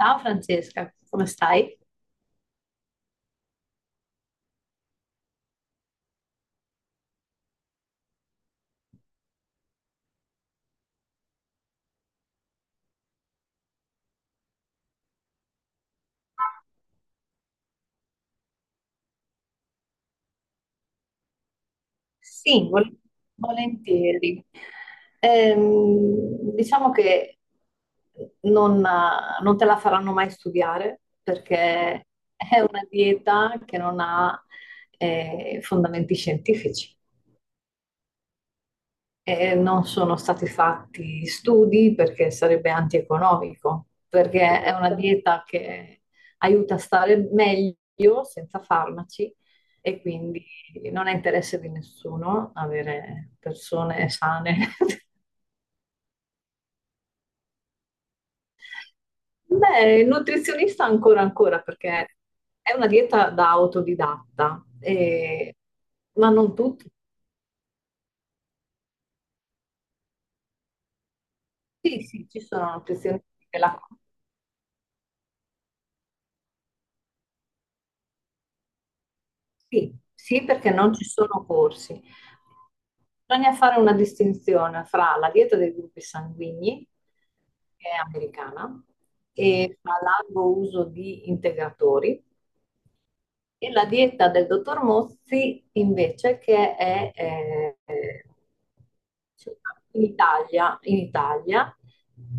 Ciao Francesca, come stai? Sì, volentieri. Diciamo che non te la faranno mai studiare perché è una dieta che non ha fondamenti scientifici. Non sono stati fatti studi perché sarebbe antieconomico, perché è una, certo, dieta che aiuta a stare meglio senza farmaci e quindi non è interesse di nessuno avere persone sane. Beh, il nutrizionista ancora ancora perché è una dieta da autodidatta, ma non tutti. Sì, sì, ci sono nutrizionisti che la. Sì, sì, perché non ci sono corsi. Bisogna fare una distinzione fra la dieta dei gruppi sanguigni, che è americana, e fra largo uso di integratori, e la dieta del dottor Mozzi invece che è cioè, in Italia,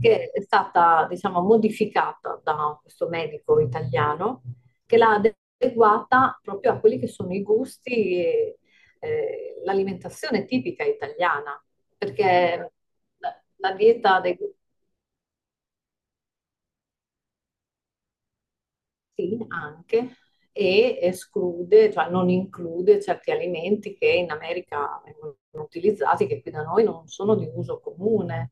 che è stata, diciamo, modificata da questo medico italiano, che l'ha adeguata proprio a quelli che sono i gusti e l'alimentazione tipica italiana, perché la dieta dei gusti. Sì, anche, e esclude, cioè non include certi alimenti che in America vengono utilizzati, che qui da noi non sono di uso comune.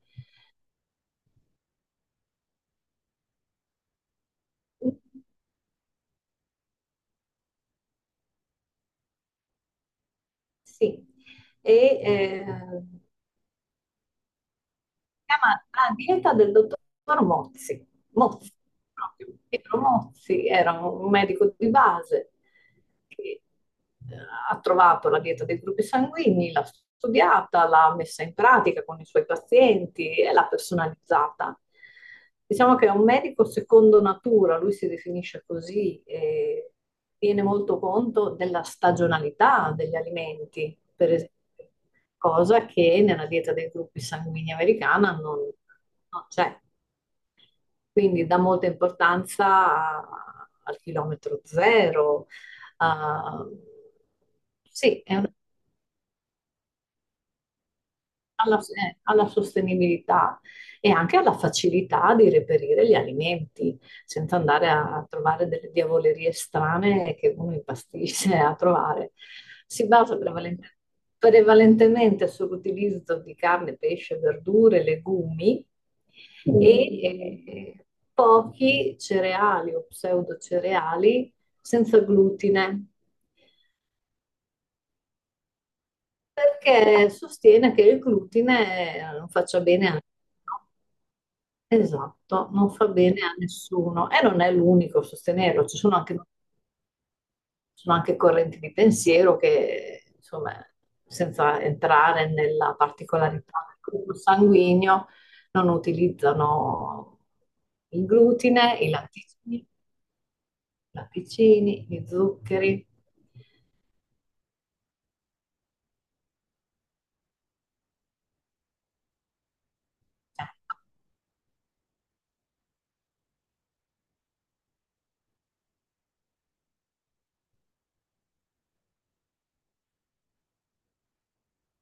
Sì, e eh, chiama la dieta del dottor Mozzi. Mozzi, proprio. Pietro Mozzi era un medico di base che eh, ha trovato la dieta dei gruppi sanguigni, l'ha studiata, l'ha messa in pratica con i suoi pazienti e l'ha personalizzata. Diciamo che è un medico secondo natura, lui si definisce così, e tiene molto conto della stagionalità degli alimenti, per esempio, cosa che nella dieta dei gruppi sanguigni americana non c'è. Quindi dà molta importanza al chilometro zero. a- sì, è una alla sostenibilità e anche alla facilità di reperire gli alimenti, senza andare a trovare delle diavolerie strane che uno impastisce a trovare. Si basa prevalentemente sull'utilizzo di carne, pesce, verdure, legumi, Mm. e eh, pochi cereali o pseudocereali senza glutine, perché sostiene che il glutine non faccia bene al. Esatto, non fa bene a nessuno e non è l'unico a sostenerlo, ci sono anche correnti di pensiero che, insomma, senza entrare nella particolarità del gruppo sanguigno, non utilizzano il glutine, i latticini, gli zuccheri.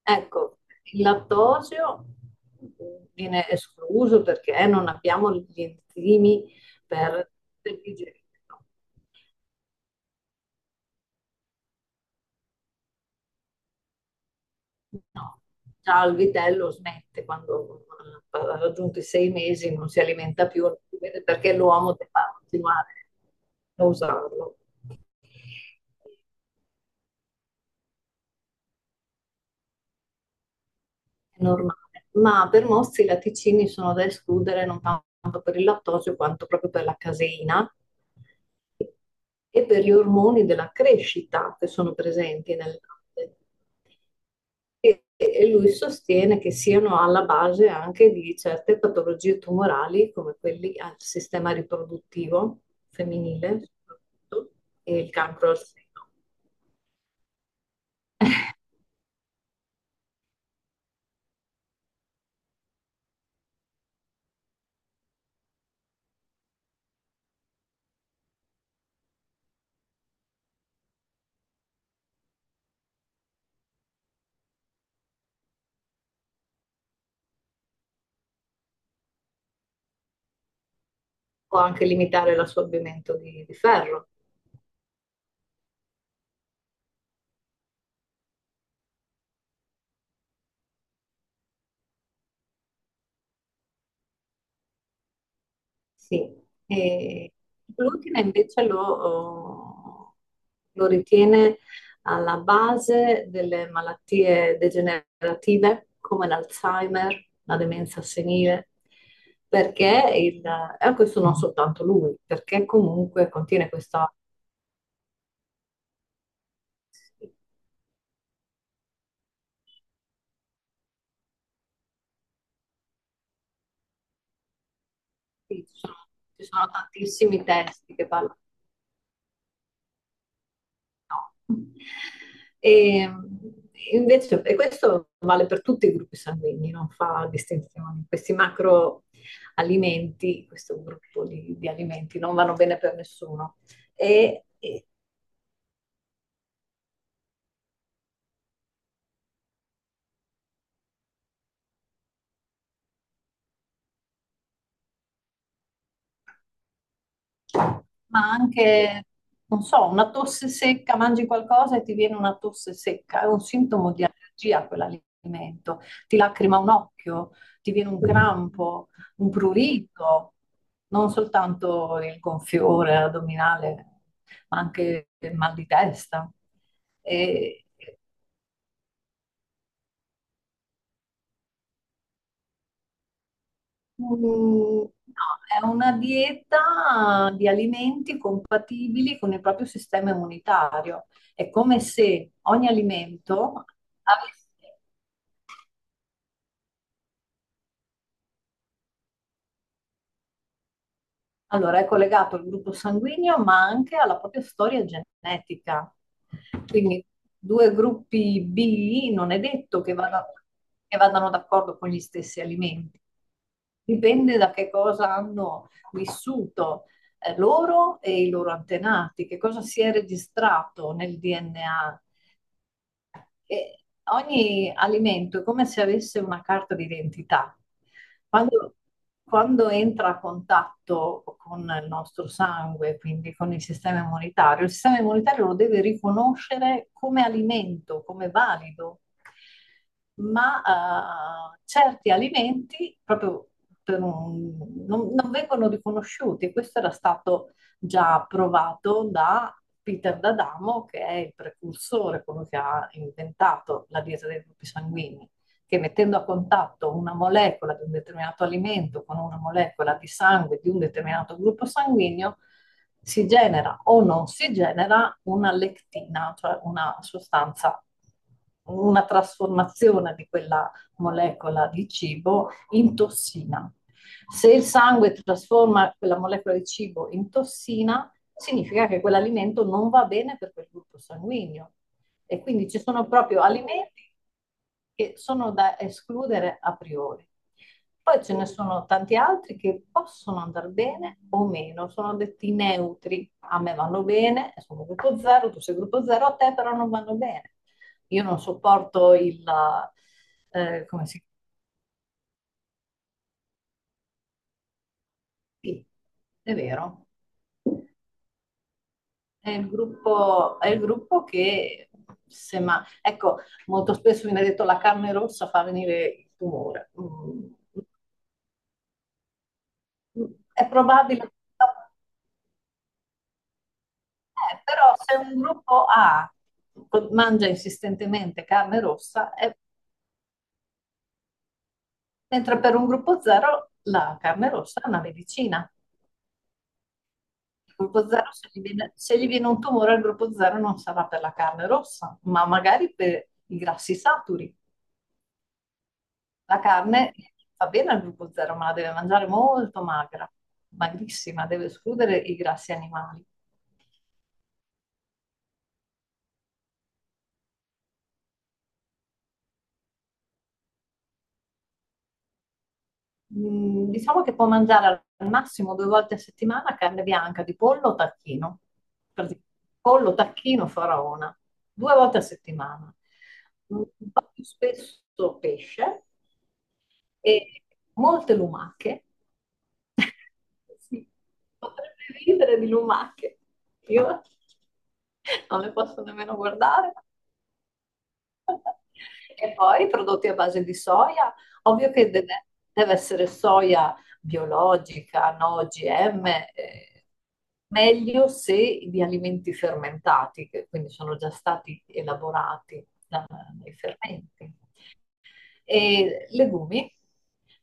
Ecco, il lattosio viene escluso perché non abbiamo gli enzimi per per digerirlo. No, già il vitello smette quando ha raggiunto i 6 mesi, non si alimenta più, non si vede perché l'uomo deve continuare a usarlo. È normale, ma per molti i latticini sono da escludere non tanto per il lattosio quanto proprio per la caseina e per gli ormoni della crescita che sono presenti nel latte. E lui sostiene che siano alla base anche di certe patologie tumorali, come quelli al sistema riproduttivo femminile soprattutto, e il cancro al seno, o anche limitare l'assorbimento di ferro. Sì, e l'ultima invece lo ritiene alla base delle malattie degenerative come l'Alzheimer, la demenza senile, perché e questo non soltanto lui, perché comunque contiene questa. Sì, Ci sono tantissimi testi che parlano. No. E, invece, questo vale per tutti i gruppi sanguigni, non fa distinzioni. Questi macroalimenti, questo gruppo di alimenti, non vanno bene per nessuno. E, e ma anche, non so, una tosse secca, mangi qualcosa e ti viene una tosse secca, è un sintomo di allergia a quell'alimento, ti lacrima un occhio, ti viene un crampo, un prurito, non soltanto il gonfiore addominale, ma anche il mal di testa. E Mm, No, è una dieta di alimenti compatibili con il proprio sistema immunitario. È come se ogni alimento avesse. Allora, è collegato al gruppo sanguigno, ma anche alla propria storia genetica. Quindi due gruppi B non è detto che che vadano d'accordo con gli stessi alimenti. Dipende da che cosa hanno vissuto loro e i loro antenati, che cosa si è registrato nel DNA. E ogni alimento è come se avesse una carta d'identità. Quando, quando entra a contatto con il nostro sangue, quindi con il sistema immunitario lo deve riconoscere come alimento, come valido, ma certi alimenti proprio non vengono riconosciuti. Questo era stato già provato da Peter D'Adamo, che è il precursore, quello che ha inventato la dieta dei gruppi sanguigni, che mettendo a contatto una molecola di un determinato alimento con una molecola di sangue di un determinato gruppo sanguigno, si genera o non si genera una lectina, cioè una sostanza, una trasformazione di quella molecola di cibo in tossina. Se il sangue trasforma quella molecola di cibo in tossina, significa che quell'alimento non va bene per quel gruppo sanguigno. E quindi ci sono proprio alimenti che sono da escludere a priori. Poi ce ne sono tanti altri che possono andare bene o meno, sono detti neutri. A me vanno bene, sono gruppo 0, tu sei gruppo 0, a te però non vanno bene. Io non sopporto il, come si. Sì, è vero. È il gruppo che, se ma, ecco, molto spesso viene detto la carne rossa fa venire il tumore. Mm, mm. È probabile, però se un gruppo A mangia insistentemente carne rossa, mentre per un gruppo zero la carne rossa è una medicina. Il gruppo zero, se gli viene, se gli viene un tumore al gruppo zero non sarà per la carne rossa, ma magari per i grassi saturi. La carne fa bene al gruppo zero, ma la deve mangiare molto magra, magrissima, deve escludere i grassi animali. Diciamo che può mangiare al massimo due volte a settimana carne bianca di pollo o tacchino, per dire, pollo, tacchino, faraona, due volte a settimana. Un po' più spesso pesce e molte lumache. Sì, potrebbe ridere di lumache. Io non le posso nemmeno guardare. E poi prodotti a base di soia, ovvio che deve essere soia biologica, no OGM, eh, meglio se di alimenti fermentati, che quindi sono già stati elaborati dai fermenti. E legumi,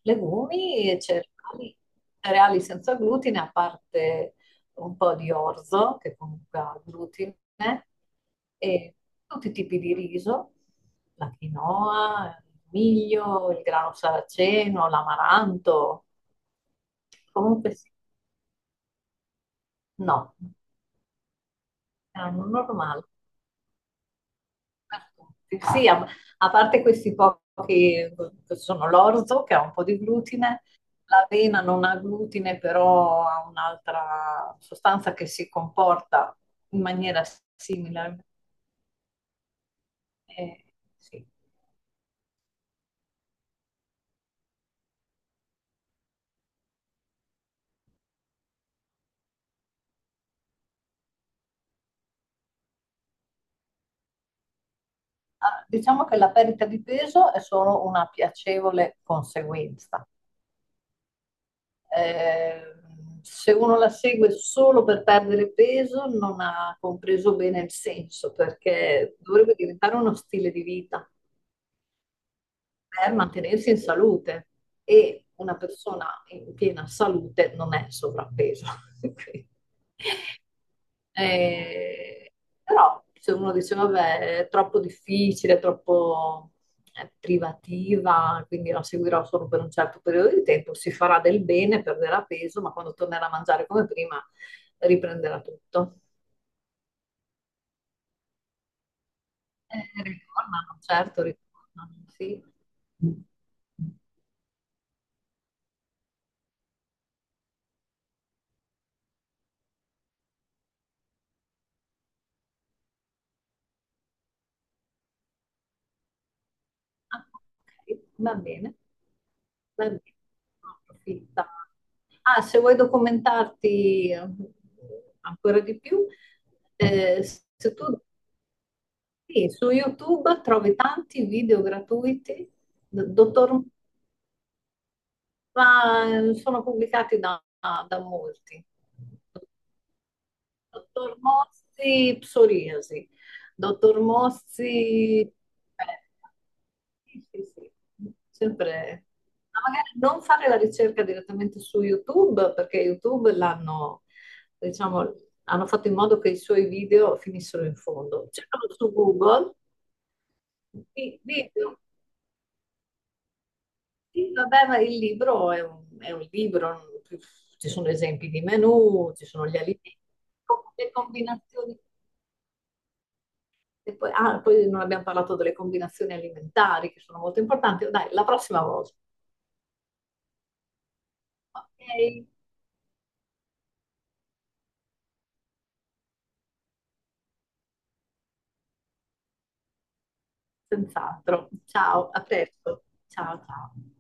legumi e cereali, cereali senza glutine, a parte un po' di orzo, che comunque ha glutine, e tutti i tipi di riso, la quinoa, il miglio, il grano saraceno, l'amaranto, comunque sì, no, erano normali. Certo. Sì, a parte questi pochi, che sono l'orzo che ha un po' di glutine, l'avena non ha glutine, però ha un'altra sostanza che si comporta in maniera simile. Eh, sì. Ah, diciamo che la perdita di peso è solo una piacevole conseguenza. Eh, se uno la segue solo per perdere peso, non ha compreso bene il senso, perché dovrebbe diventare uno stile di vita per mantenersi in salute, e una persona in piena salute non è sovrappeso. Quindi, eh, però se uno dice vabbè è troppo difficile, è troppo privativa, quindi la seguirò solo per un certo periodo di tempo, si farà del bene, perderà peso, ma quando tornerà a mangiare come prima riprenderà tutto. Ritornano, certo, ritornano, sì. Ah, ok, va bene. Beh, approfitta. Ah, se vuoi documentarti ancora di più, eh, se tu sì, su YouTube trovi tanti video gratuiti, dottor, ma sono pubblicati da molti. Dottor Mossi, psoriasi. Dottor Mossi, sì, sì, sì. Sempre. Ma magari non fare la ricerca direttamente su YouTube, perché YouTube l'hanno, diciamo, hanno fatto in modo che i suoi video finissero in fondo. Cercalo su Google. Video. Sì, vabbè, ma il libro è un libro, ci sono esempi di menù, ci sono gli alimenti, le combinazioni. E poi, non abbiamo parlato delle combinazioni alimentari che sono molto importanti. Dai, la prossima volta. Ok, senz'altro. Ciao, a presto. Ciao, ciao.